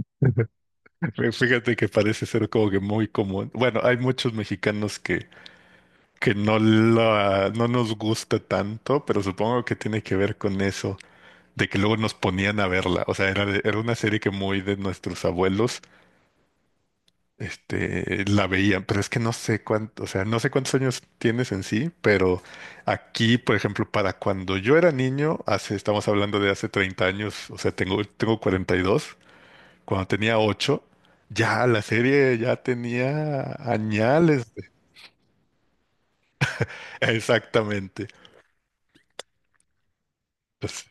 Fíjate que parece ser como que muy común. Bueno, hay muchos mexicanos que no, la, no nos gusta tanto, pero supongo que tiene que ver con eso, de que luego nos ponían a verla. O sea, era una serie que muy de nuestros abuelos, este, la veían, pero es que no sé cuánto, o sea, no sé cuántos años tienes en sí, pero aquí, por ejemplo, para cuando yo era niño, hace, estamos hablando de hace 30 años, o sea, tengo 42. Cuando tenía 8, ya la serie tenía añales. Exactamente. Pues,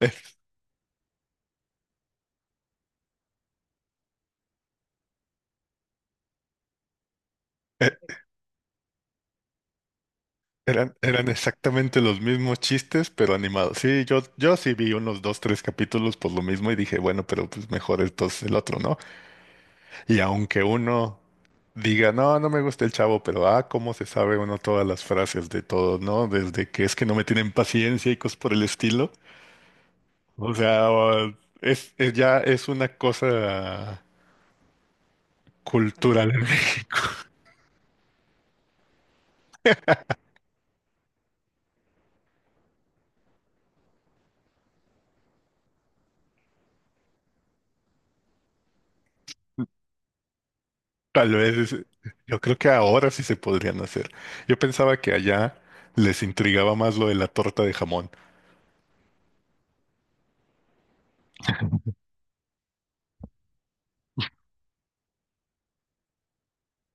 es- e- eran exactamente los mismos chistes, pero animados. Sí, yo sí vi unos dos, tres capítulos por lo mismo y dije, bueno, pero pues mejor entonces el otro, ¿no? Y aunque uno diga, no, no me gusta el chavo, pero ah, cómo se sabe uno todas las frases de todo, ¿no? Desde que es que no me tienen paciencia y cosas por el estilo. O sea, ya es una cosa cultural en México. Tal vez, yo creo que ahora sí se podrían hacer. Yo pensaba que allá les intrigaba más lo de la torta de jamón.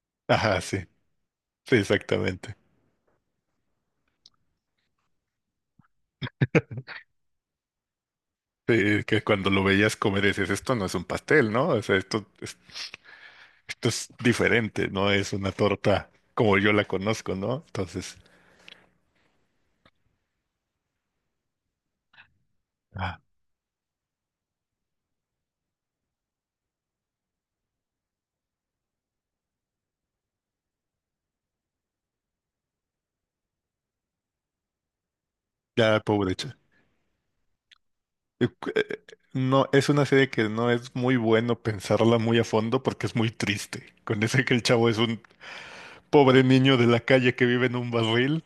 Ajá, sí, sí, exactamente. Sí, que cuando lo veías comer decías, esto no es un pastel, ¿no? O sea, esto es diferente, no es una torta como yo la conozco, ¿no? Entonces, ah, ya, Eh, cu- eh, no, es una serie que no es muy bueno pensarla muy a fondo porque es muy triste. Con ese que el chavo es un pobre niño de la calle que vive en un barril.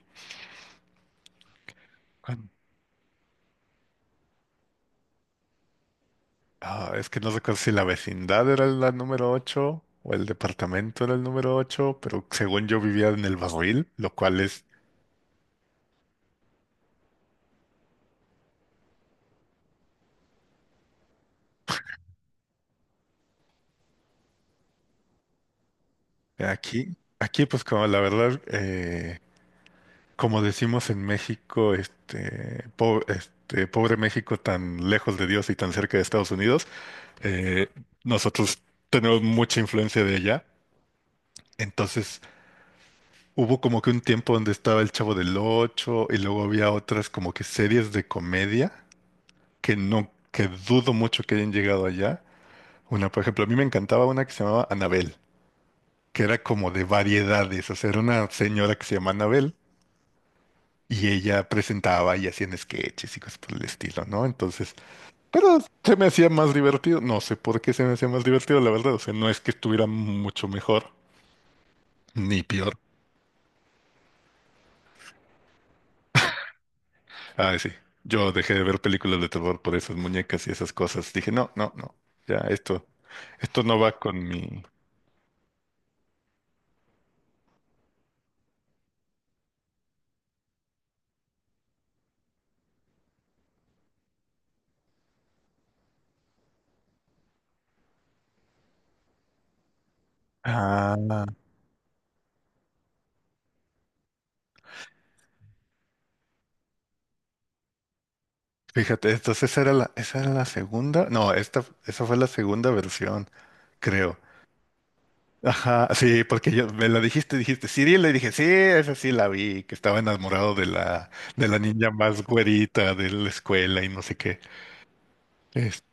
Ah, es que no recuerdo si la vecindad era la número 8 o el departamento era el número 8, pero según yo vivía en el barril, lo cual es aquí. Aquí, pues como la verdad, como decimos en México, este, pobre México tan lejos de Dios y tan cerca de Estados Unidos, eh, nosotros tenemos mucha influencia de allá. Entonces, hubo como que un tiempo donde estaba El Chavo del Ocho y luego había otras como que series de comedia que no, que dudo mucho que hayan llegado allá. Una, por ejemplo, a mí me encantaba una que se llamaba Anabel, que era como de variedades, o sea, era una señora que se llama Anabel y ella presentaba y hacían sketches y cosas por el estilo, ¿no? Entonces, pero se me hacía más divertido, no sé por qué se me hacía más divertido, la verdad, o sea, no es que estuviera mucho mejor ni peor. Ay, sí. Yo dejé de ver películas de terror por esas muñecas y esas cosas. Dije, no, no, no. Ya, esto no va con mi. Ah, fíjate, entonces esa era la segunda. No, esa fue la segunda versión, creo. Ajá, sí, porque yo me la dijiste, dijiste, Cyril, le dije, sí, esa sí la vi, que estaba enamorado de la niña más güerita de la escuela y no sé qué. Es-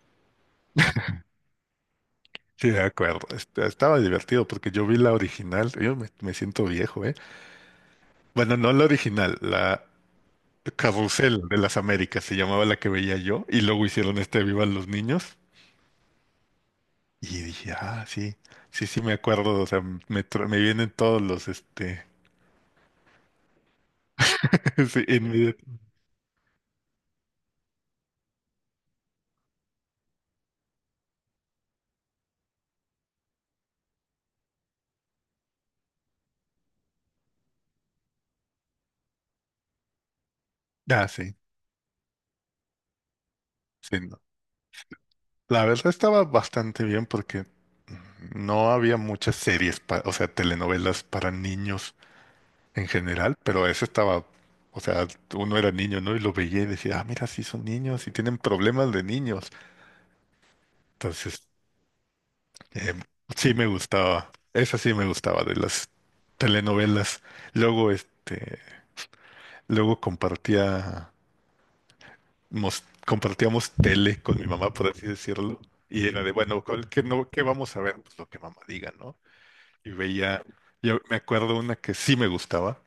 sí, de acuerdo. Estaba divertido porque yo vi la original. Yo me siento viejo, ¿eh? Bueno, no la original, la Carrusel de las Américas se llamaba la que veía yo, y luego hicieron este Vivan los Niños, y dije, ah, sí, sí, sí, me acuerdo, o sea, me vienen todos los, este, sí, ah, sí, sí, no. La verdad estaba bastante bien porque no había muchas series, o sea, telenovelas para niños en general, pero eso estaba, o sea, uno era niño, ¿no? Y lo veía y decía, ah, mira, sí son niños y tienen problemas de niños. Entonces, eh, sí me gustaba, esa sí me gustaba de las telenovelas. Luego, este, luego compartía, compartíamos tele con mi mamá, por así decirlo, y era de, bueno, ¿qué, no, qué vamos a ver? Pues lo que mamá diga, ¿no? Y veía, yo me acuerdo una que sí me gustaba,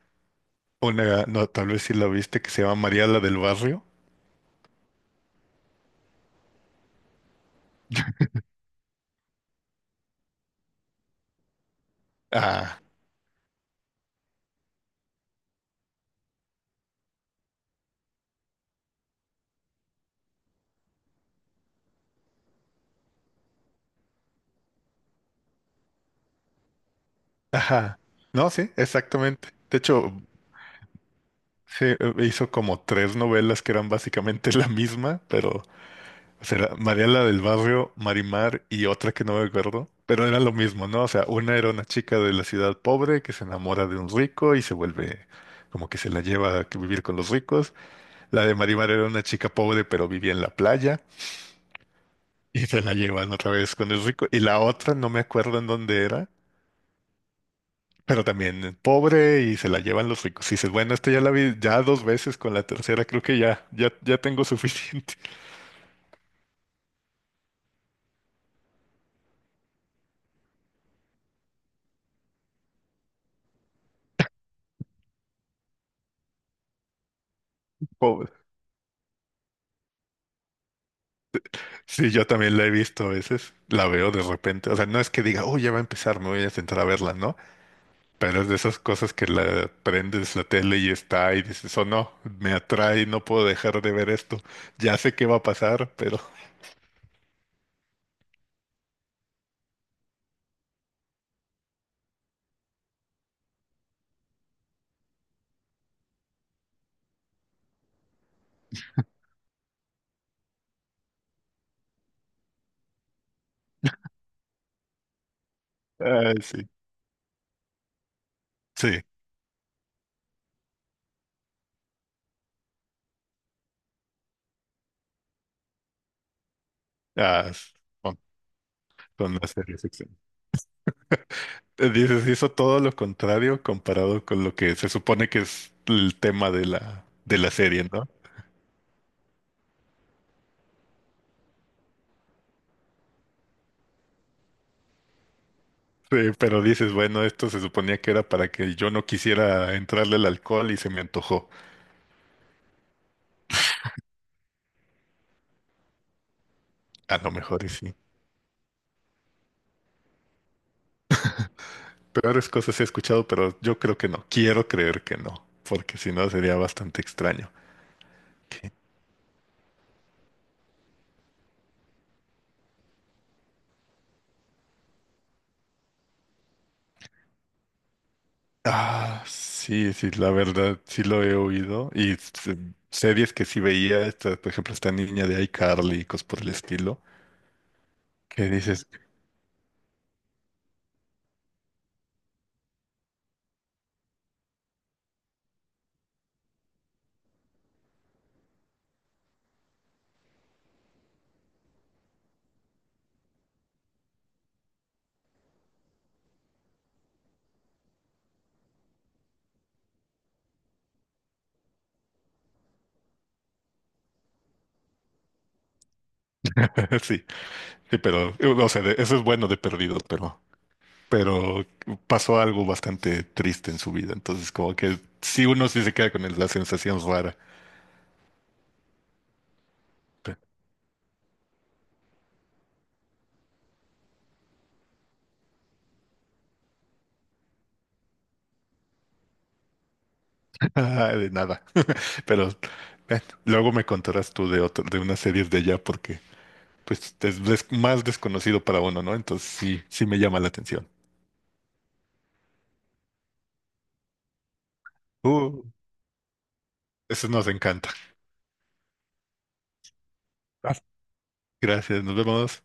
una, no, tal vez sí la viste, que se llama María la del Barrio. Ah, ajá, no, sí, exactamente. De hecho, se hizo como tres novelas que eran básicamente la misma, pero... O sea, era María la del Barrio, Marimar y otra que no me acuerdo, pero era lo mismo, ¿no? O sea, una era una chica de la ciudad pobre que se enamora de un rico y se vuelve como que se la lleva a que vivir con los ricos. La de Marimar era una chica pobre pero vivía en la playa y se la llevan otra vez con el rico. Y la otra no me acuerdo en dónde era, pero también pobre y se la llevan los ricos. Y dices, bueno, esta ya la vi ya dos veces, con la tercera creo que ya tengo suficiente. Sí, yo también la he visto a veces, la veo de repente, o sea, no es que diga, oh, ya va a empezar, me voy a sentar a verla, ¿no? Pero es de esas cosas que la prendes la tele y está y dices, oh, no, me atrae, no puedo dejar de ver esto, ya sé qué va a pasar, pero... ay, sí, sí, ah, s- son, son las series excelentes. Dices, hizo todo lo contrario comparado con lo que se supone que es el tema de la serie, ¿no? Sí, pero dices, bueno, esto se suponía que era para que yo no quisiera entrarle al alcohol y se me antojó. A lo mejor y sí. Peores cosas he escuchado, pero yo creo que no. Quiero creer que no, porque si no sería bastante extraño. ¿Qué? Ah, sí, sí, la verdad, sí lo he oído. Y series que sí veía, esta, por ejemplo, esta niña de iCarly y cosas por el estilo, que dices, sí, sí, pero, o sea, eso es bueno de perdido, pero pasó algo bastante triste en su vida, entonces como que sí uno sí se queda con la sensación rara. pe- Ah, de nada, pero luego me contarás tú de otro, de unas series de allá porque pues es más desconocido para uno, ¿no? Entonces sí, sí me llama la atención. Uh, eso nos encanta. Ah, gracias, nos vemos.